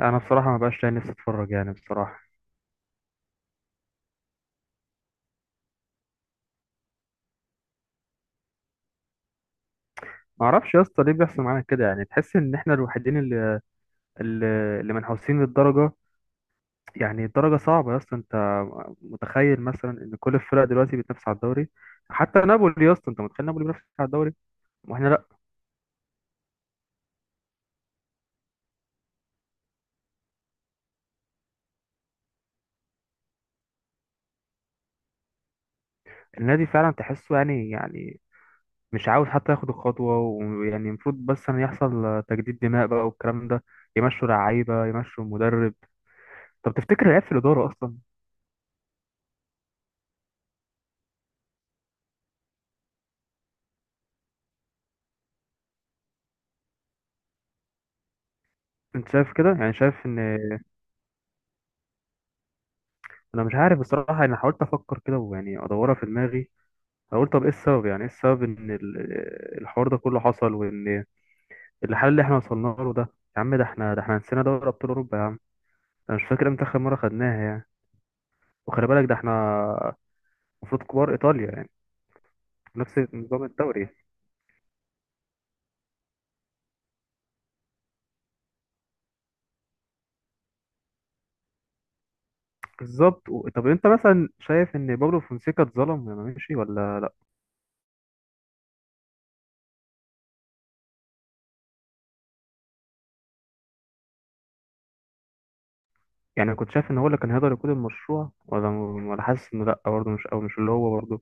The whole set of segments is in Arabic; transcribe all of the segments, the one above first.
انا بصراحه ما بقاش لاقي نفسي اتفرج يعني بصراحه. ما اعرفش يا اسطى ليه بيحصل معانا كده، يعني تحس ان احنا الوحيدين اللي اللي منحوسين للدرجه. يعني الدرجه صعبه يا اسطى، انت متخيل مثلا ان كل الفرق دلوقتي بتنافس على الدوري؟ حتى نابولي يا اسطى، انت متخيل نابولي بينافس على الدوري واحنا لا. النادي فعلا تحسه يعني مش عاوز حتى ياخد الخطوه، ويعني المفروض بس ان يحصل تجديد دماء بقى والكلام ده، يمشوا لعيبه يمشوا مدرب. طب تفتكر العيب في الاداره اصلا؟ انت شايف كده يعني؟ شايف ان انا مش عارف بصراحه. انا حاولت افكر كده ويعني ادورها في دماغي. أنا قلت طب ايه السبب، يعني ايه السبب ان الحوار ده كله حصل، وان الحل اللي احنا وصلنا له ده، يا عم ده احنا نسينا دوري ابطال اوروبا يا عم. انا مش فاكر امتى اخر مره خدناها يعني. وخلي بالك ده احنا المفروض كبار ايطاليا يعني، نفس نظام الدوري. بالظبط طب انت مثلا شايف ان بابلو فونسيكا اتظلم لما مشي ولا لا؟ يعني كنت شايف ان هو اللي كان هيقدر يقود المشروع، ولا حاسس انه لا برضه، مش او مش اللي هو برضه؟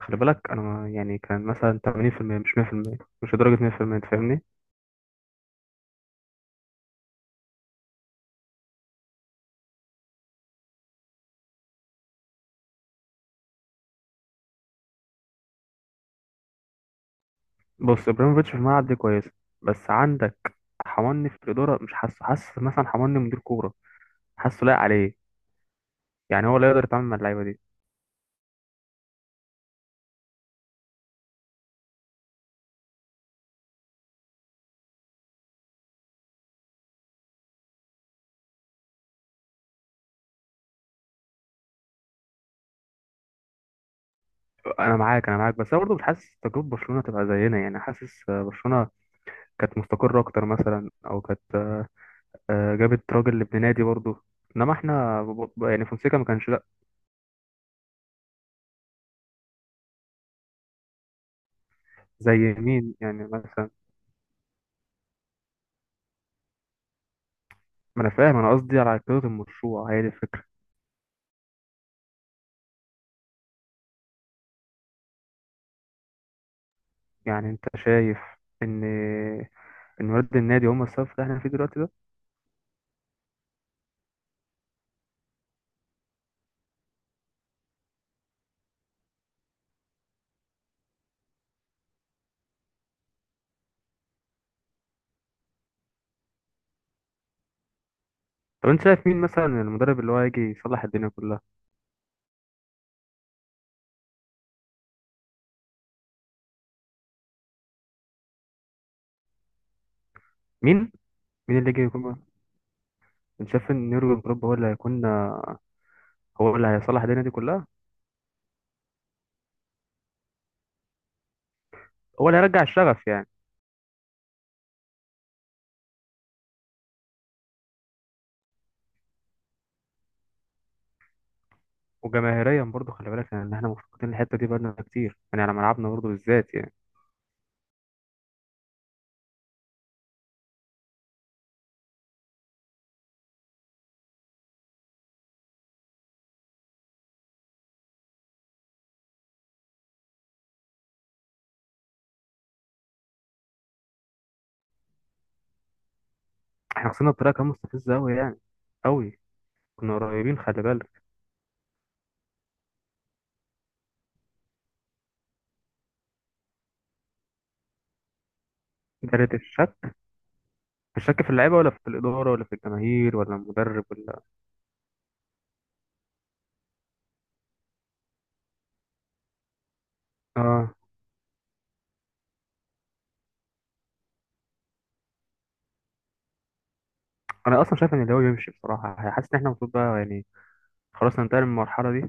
خلي بالك انا يعني كان مثلا 80% مش 100%، مش لدرجه 100%، انت فاهمني. بص ابراهيموفيتش في الملعب دي كويسه، بس عندك حماني في الاداره، مش حاسه حاسس مثلا حماني مدير كوره، حاسه لايق عليه؟ يعني هو لا يقدر يتعامل مع اللعيبه دي. انا معاك، بس انا برضه مش حاسس تجربه برشلونه تبقى زينا، يعني حاسس برشلونه كانت مستقره اكتر مثلا، او كانت جابت راجل لابن نادي برضه، انما احنا يعني فونسيكا ما كانش لا زي مين يعني مثلا. ما انا فاهم، انا قصدي على كده المشروع، هي دي الفكره. يعني انت شايف ان ان ولاد النادي هم السبب في اللي احنا فيه دلوقتي ده؟ طب انت شايف مين مثلا المدرب اللي هو هيجي يصلح الدنيا كلها؟ مين؟ مين اللي يجي يكون؟ انت شايف ان يورجن كلوب هو اللي هيكون، هو اللي هيصلح الدنيا دي كلها؟ هو اللي هيرجع الشغف يعني؟ وجماهيريا برضه خلي بالك، يعني ان احنا مفتقدين الحته دي بقالنا كتير يعني، على ملعبنا برضه بالذات يعني. احنا خسرنا بطريقه كانت مستفزه قوي يعني، قوي. كنا قريبين خلي بالك. دارت الشك، الشك في اللعيبه ولا في الاداره ولا في الجماهير ولا المدرب ولا؟ اه، انا اصلا شايف ان اللي هو يمشي بصراحه. حاسس ان احنا المفروض بقى يعني، خلاص، ننتقل من المرحله دي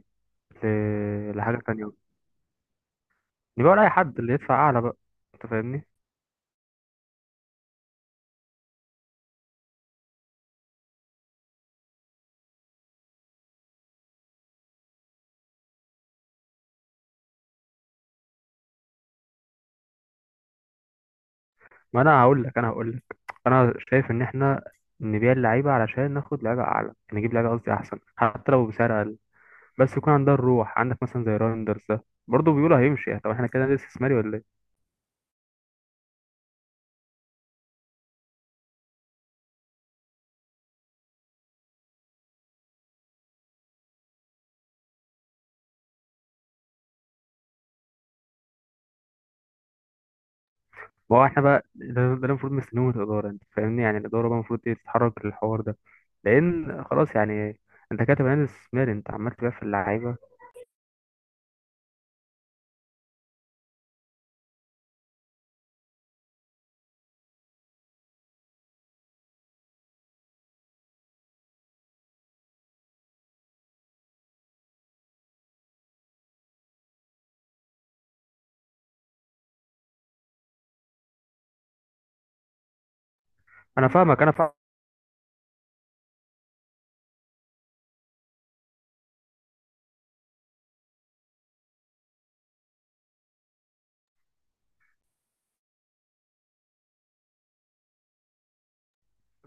لحاجه تانية. نبقى لاي حد اللي يدفع اعلى بقى، انت فاهمني. ما انا هقول لك، انا شايف ان احنا نبيع اللعيبه علشان ناخد لعيبه اعلى، نجيب لعيبه قصدي احسن حتى لو بسعر اقل، بس يكون عندها الروح. عندك مثلا زي رايندرز ده برضه بيقولوا هيمشي. طب احنا كده نادي استثماري ولا؟ ما هو احنا بقى ده اللي المفروض مستنيه من الاداره، انت فاهمني. يعني الاداره بقى المفروض ايه؟ تتحرك للحوار ده، لان خلاص يعني، انت كاتب عين استثماري، انت عمال تبيع في اللعيبه. انا فاهمك انا فاهم.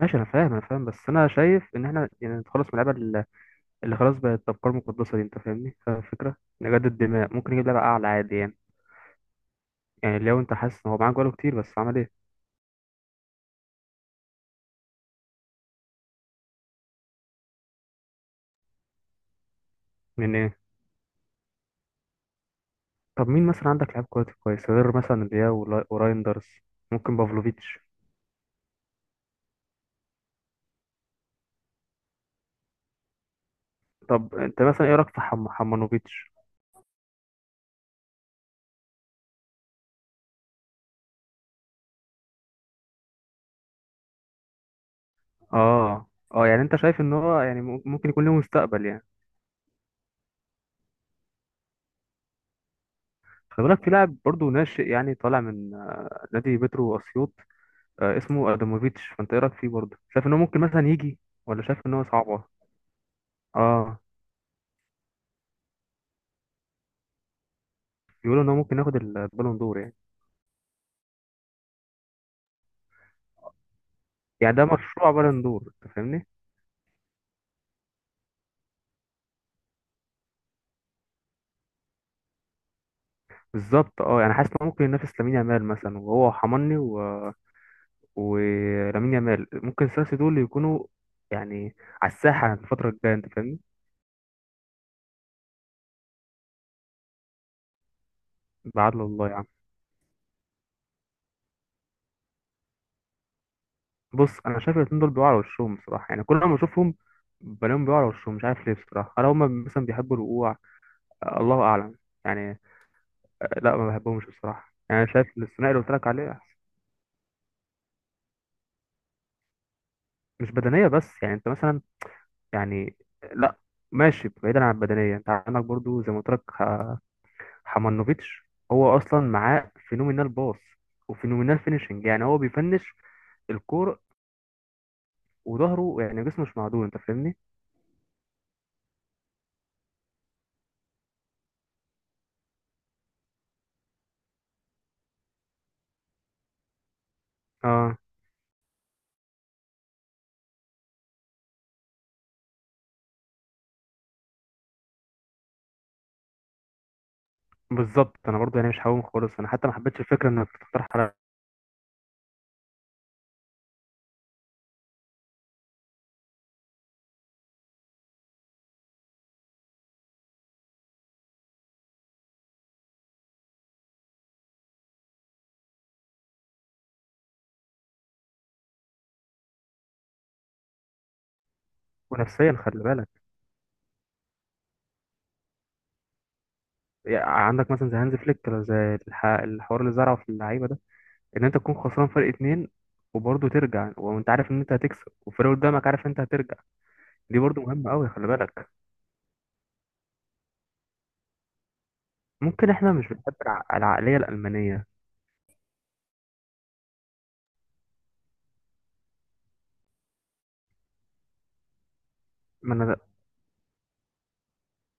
ماشي انا فاهم بس انا شايف ان احنا يعني نتخلص من اللعيبه اللي خلاص بقت افكار مقدسه دي، انت فاهمني، فاهم الفكره. نجدد دماء، ممكن نجيب لعيبه اعلى عادي يعني. يعني لو انت حاسس ان هو معاك بقاله كتير بس عمل ايه. من ايه؟ طب مين مثلا عندك لعيب كويس كويس، غير مثلا رياو ورايندرز، ممكن بافلوفيتش. طب انت مثلا ايه رايك في حمانوفيتش؟ اه اه يعني انت شايف ان هو يعني ممكن يكون له مستقبل يعني. خلي بالك في لاعب برضه ناشئ يعني، طالع من نادي بيترو اسيوط، اسمه ادموفيتش، فانت ايه رايك فيه برضه؟ شايف ان هو ممكن مثلا يجي ولا شايف ان هو صعبه؟ اه، بيقولوا ان هو ممكن ياخد البالون دور يعني. يعني ده مشروع بالون دور، انت فاهمني. بالظبط، اه. يعني حاسس ان هو ممكن ينافس لامين يامال مثلا، وهو حماني ولامين يامال، ممكن الثلاثه دول يكونوا يعني على الساحه الفتره الجايه، انت فاهمني. بعد الله يعني. بص انا شايف الاتنين دول بيقعوا على وشهم بصراحه، يعني كل ما اشوفهم بلاقيهم بيقعوا على وشهم. مش عارف ليه بصراحه، هل هم مثلا بيحبوا الوقوع؟ الله اعلم يعني. لا ما بحبهمش بصراحه، يعني انا شايف الثنائي اللي قلت لك عليه احسن. مش بدنيه بس يعني، انت مثلا يعني، لا، ماشي بعيدا عن البدنيه، انت عندك برضو زي ما قلت لك حمانوفيتش، هو اصلا معاه فينومينال باص وفينومينال فينيشنج، يعني هو بيفنش الكور، وظهره يعني جسمه مش معدول، انت فاهمني. اه بالظبط، انا برضو يعني مش هقوم خالص، انا حتى ما حبيتش الفكره انك تقترح على. نفسيا خلي بالك. يعني عندك مثلا زي هانز فليك، ولا زي الحوار اللي زرعه في اللعيبه ده، ان انت تكون خسران فرق اتنين وبرضه ترجع، وانت عارف ان انت هتكسب والفريق قدامك عارف ان انت هترجع. دي برضو مهمه قوي خلي بالك. ممكن احنا مش بنحب العقليه الالمانيه. ما انا ده،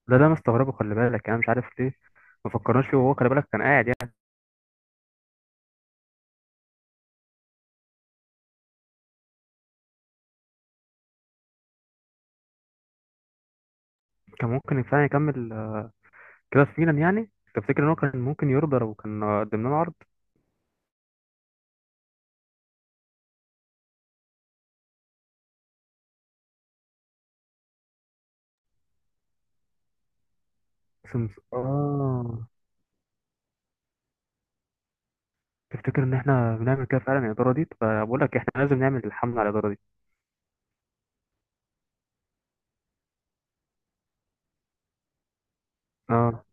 ده اللي انا مستغربه خلي بالك. يعني انا مش عارف ليه ما فكرناش فيه، وهو خلي بالك كان قاعد يعني. كان ممكن فعلا يكمل كده في ميلان. يعني تفتكر ان هو كان ممكن يرضى لو كان قدم لنا عرض؟ اه، تفتكر ان احنا بنعمل كده فعلا الاداره دي؟ فبقول لك احنا لازم نعمل الحمله على الاداره دي. اه،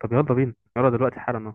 طب يلا بينا، يلا دلوقتي حالا.